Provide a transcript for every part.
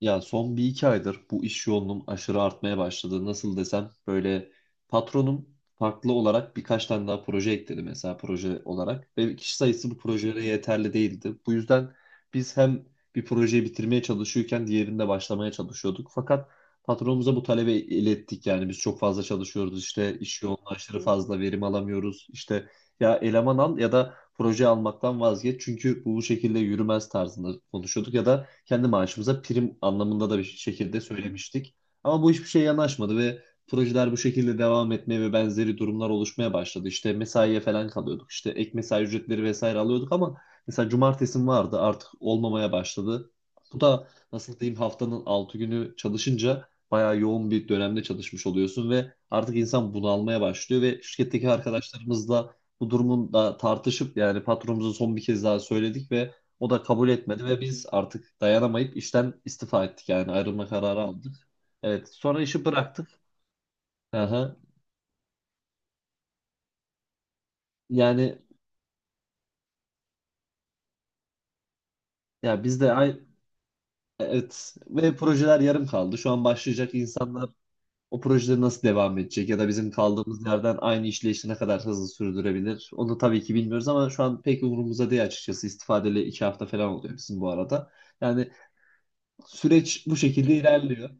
Ya son bir iki aydır bu iş yoğunluğum aşırı artmaya başladı. Nasıl desem böyle patronum farklı olarak birkaç tane daha proje ekledi mesela proje olarak. Ve kişi sayısı bu projelere yeterli değildi. Bu yüzden biz hem bir projeyi bitirmeye çalışıyorken diğerinde başlamaya çalışıyorduk. Fakat patronumuza bu talebi ilettik, yani biz çok fazla çalışıyoruz, işte iş yoğunluğu aşırı fazla, verim alamıyoruz. İşte ya eleman al ya da proje almaktan vazgeç, çünkü bu şekilde yürümez tarzında konuşuyorduk ya da kendi maaşımıza prim anlamında da bir şekilde söylemiştik. Ama bu hiçbir şeye yanaşmadı ve projeler bu şekilde devam etmeye ve benzeri durumlar oluşmaya başladı. İşte mesaiye falan kalıyorduk. İşte ek mesai ücretleri vesaire alıyorduk ama mesela cumartesim vardı, artık olmamaya başladı. Bu da nasıl diyeyim, haftanın 6 günü çalışınca bayağı yoğun bir dönemde çalışmış oluyorsun ve artık insan bunalmaya başlıyor ve şirketteki arkadaşlarımızla bu durumun da tartışıp yani patronumuza son bir kez daha söyledik ve o da kabul etmedi ve biz artık dayanamayıp işten istifa ettik, yani ayrılma kararı aldık. Evet, sonra işi bıraktık. Aha. Yani ya biz de ay evet, ve projeler yarım kaldı. Şu an başlayacak insanlar o projeleri nasıl devam edecek ya da bizim kaldığımız yerden aynı işleyişi ne kadar hızlı sürdürebilir? Onu tabii ki bilmiyoruz ama şu an pek umurumuzda değil açıkçası. İstifadeli 2 hafta falan oluyor bizim bu arada. Yani süreç bu şekilde ilerliyor.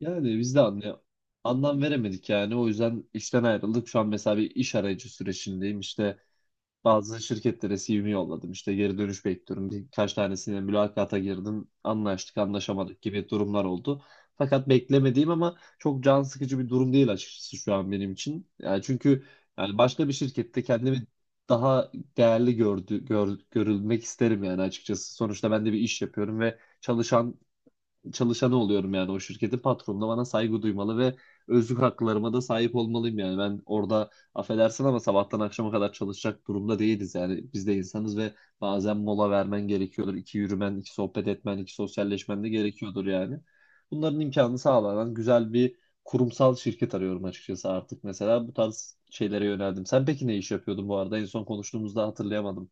Yani anlam veremedik yani. O yüzden işten ayrıldık. Şu an mesela bir iş arayıcı sürecindeyim. İşte bazı şirketlere CV'mi yolladım. İşte geri dönüş bekliyorum. Birkaç tanesine mülakata girdim. Anlaştık, anlaşamadık gibi durumlar oldu. Fakat beklemediğim ama çok can sıkıcı bir durum değil açıkçası şu an benim için. Yani çünkü yani başka bir şirkette kendimi daha değerli görülmek isterim yani açıkçası. Sonuçta ben de bir iş yapıyorum ve çalışanı oluyorum yani, o şirketin patronu da bana saygı duymalı ve özlük haklarıma da sahip olmalıyım. Yani ben orada affedersin ama sabahtan akşama kadar çalışacak durumda değiliz, yani biz de insanız ve bazen mola vermen gerekiyordur, iki yürümen, iki sohbet etmen, iki sosyalleşmen de gerekiyordur yani. Bunların imkanını sağlanan güzel bir kurumsal şirket arıyorum açıkçası artık, mesela bu tarz şeylere yöneldim. Sen peki ne iş yapıyordun bu arada? En son konuştuğumuzda hatırlayamadım.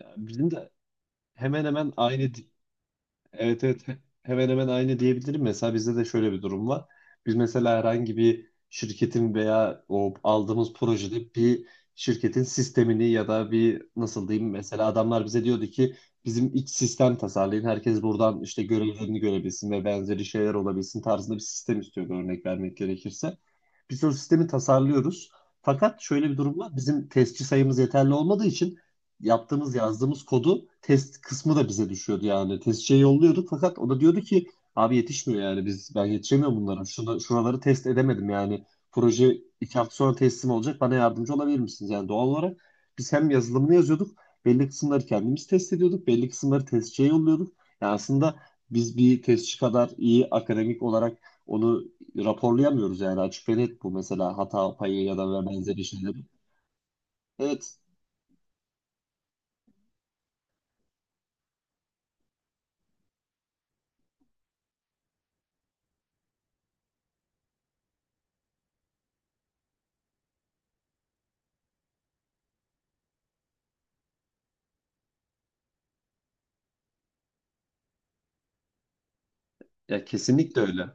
Ya bizim de hemen hemen aynı. Evet, evet. Hemen hemen aynı diyebilirim. Mesela bizde de şöyle bir durum var. Biz mesela herhangi bir şirketin veya o aldığımız projede bir şirketin sistemini ya da bir nasıl diyeyim, mesela adamlar bize diyordu ki bizim iç sistem tasarlayın. Herkes buradan işte görevlerini görebilsin ve benzeri şeyler olabilsin tarzında bir sistem istiyordu, örnek vermek gerekirse. Biz o sistemi tasarlıyoruz. Fakat şöyle bir durum var. Bizim testçi sayımız yeterli olmadığı için yaptığımız, yazdığımız kodu test kısmı da bize düşüyordu yani. Testçiye yolluyorduk fakat o da diyordu ki abi yetişmiyor yani, ben yetişemiyorum bunlara. Şuraları test edemedim yani. Proje 2 hafta sonra teslim olacak, bana yardımcı olabilir misiniz? Yani doğal olarak biz hem yazılımını yazıyorduk, belli kısımları kendimiz test ediyorduk, belli kısımları testçiye yolluyorduk. Yani aslında biz bir testçi kadar iyi akademik olarak onu raporlayamıyoruz yani, açık ve net bu, mesela hata payı ya da benzeri şeyleri. Evet, ya kesinlikle öyle.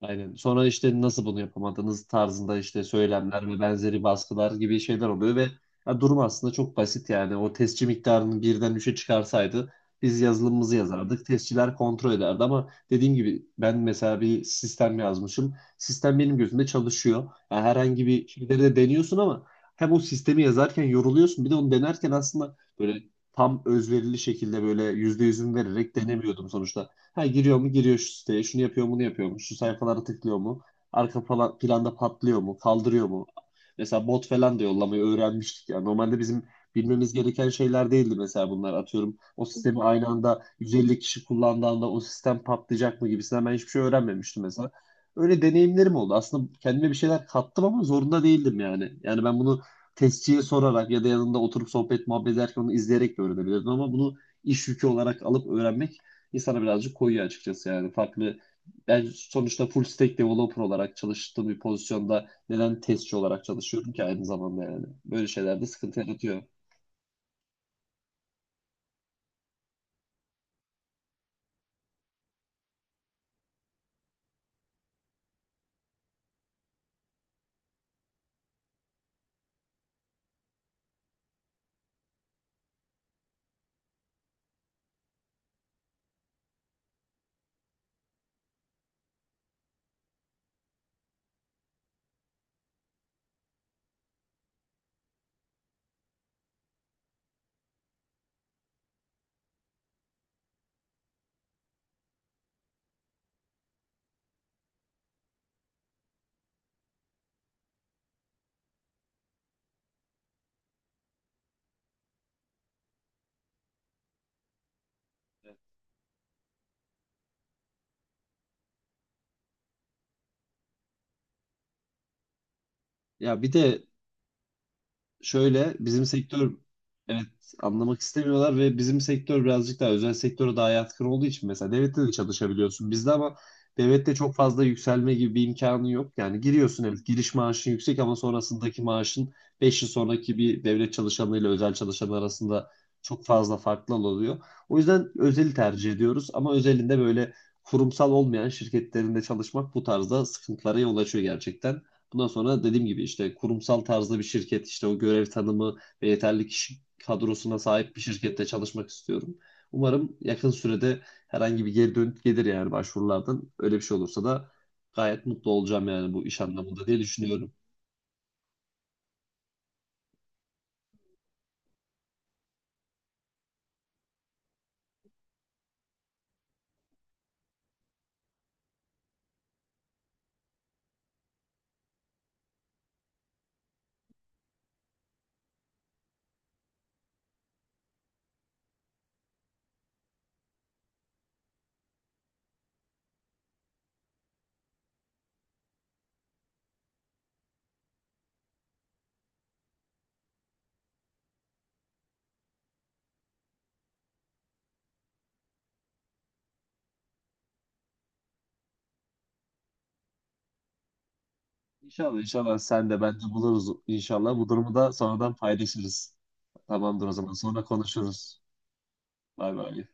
Aynen. Sonra işte nasıl bunu yapamadınız tarzında işte söylemler ve benzeri baskılar gibi şeyler oluyor ve ya durum aslında çok basit yani. O testçi miktarını birden üçe çıkarsaydı biz yazılımımızı yazardık, testçiler kontrol ederdi, ama dediğim gibi ben mesela bir sistem yazmışım. Sistem benim gözümde çalışıyor. Yani herhangi bir şeyleri de deniyorsun ama hem o sistemi yazarken yoruluyorsun, bir de onu denerken aslında böyle tam özverili şekilde böyle %100'üm vererek denemiyordum sonuçta. Ha, giriyor mu, giriyor şu siteye, şunu yapıyor mu, bunu yapıyor mu, şu sayfalara tıklıyor mu, planda patlıyor mu, kaldırıyor mu? Mesela bot falan da yollamayı öğrenmiştik ya. Normalde bizim bilmemiz gereken şeyler değildi mesela bunlar. Atıyorum o sistemi aynı anda 150 kişi kullandığında o sistem patlayacak mı gibisinden, ben hiçbir şey öğrenmemiştim mesela. Öyle deneyimlerim oldu. Aslında kendime bir şeyler kattım ama zorunda değildim yani. Yani ben bunu testçiye sorarak ya da yanında oturup sohbet muhabbet ederken onu izleyerek de öğrenebilirdim, ama bunu iş yükü olarak alıp öğrenmek insana birazcık koyuyor açıkçası yani. Farklı, ben sonuçta full stack developer olarak çalıştığım bir pozisyonda neden testçi olarak çalışıyorum ki aynı zamanda yani. Böyle şeyler de sıkıntı yaratıyor. Ya bir de şöyle bizim sektör, evet, anlamak istemiyorlar ve bizim sektör birazcık daha özel sektöre daha yatkın olduğu için, mesela devlette de çalışabiliyorsun bizde ama devlette çok fazla yükselme gibi bir imkanı yok. Yani giriyorsun, evet, giriş maaşın yüksek ama sonrasındaki maaşın, 5 yıl sonraki bir devlet çalışanıyla özel çalışan arasında çok fazla farklı oluyor. O yüzden özeli tercih ediyoruz ama özelinde böyle kurumsal olmayan şirketlerinde çalışmak bu tarzda sıkıntılara yol açıyor gerçekten. Bundan sonra dediğim gibi işte kurumsal tarzda bir şirket, işte o görev tanımı ve yeterli kişi kadrosuna sahip bir şirkette çalışmak istiyorum. Umarım yakın sürede herhangi bir geri dönüt gelir yani başvurulardan. Öyle bir şey olursa da gayet mutlu olacağım yani bu iş anlamında diye düşünüyorum. İnşallah inşallah, sen de bence buluruz inşallah. Bu durumu da sonradan paylaşırız. Tamamdır, o zaman sonra konuşuruz. Bay bay.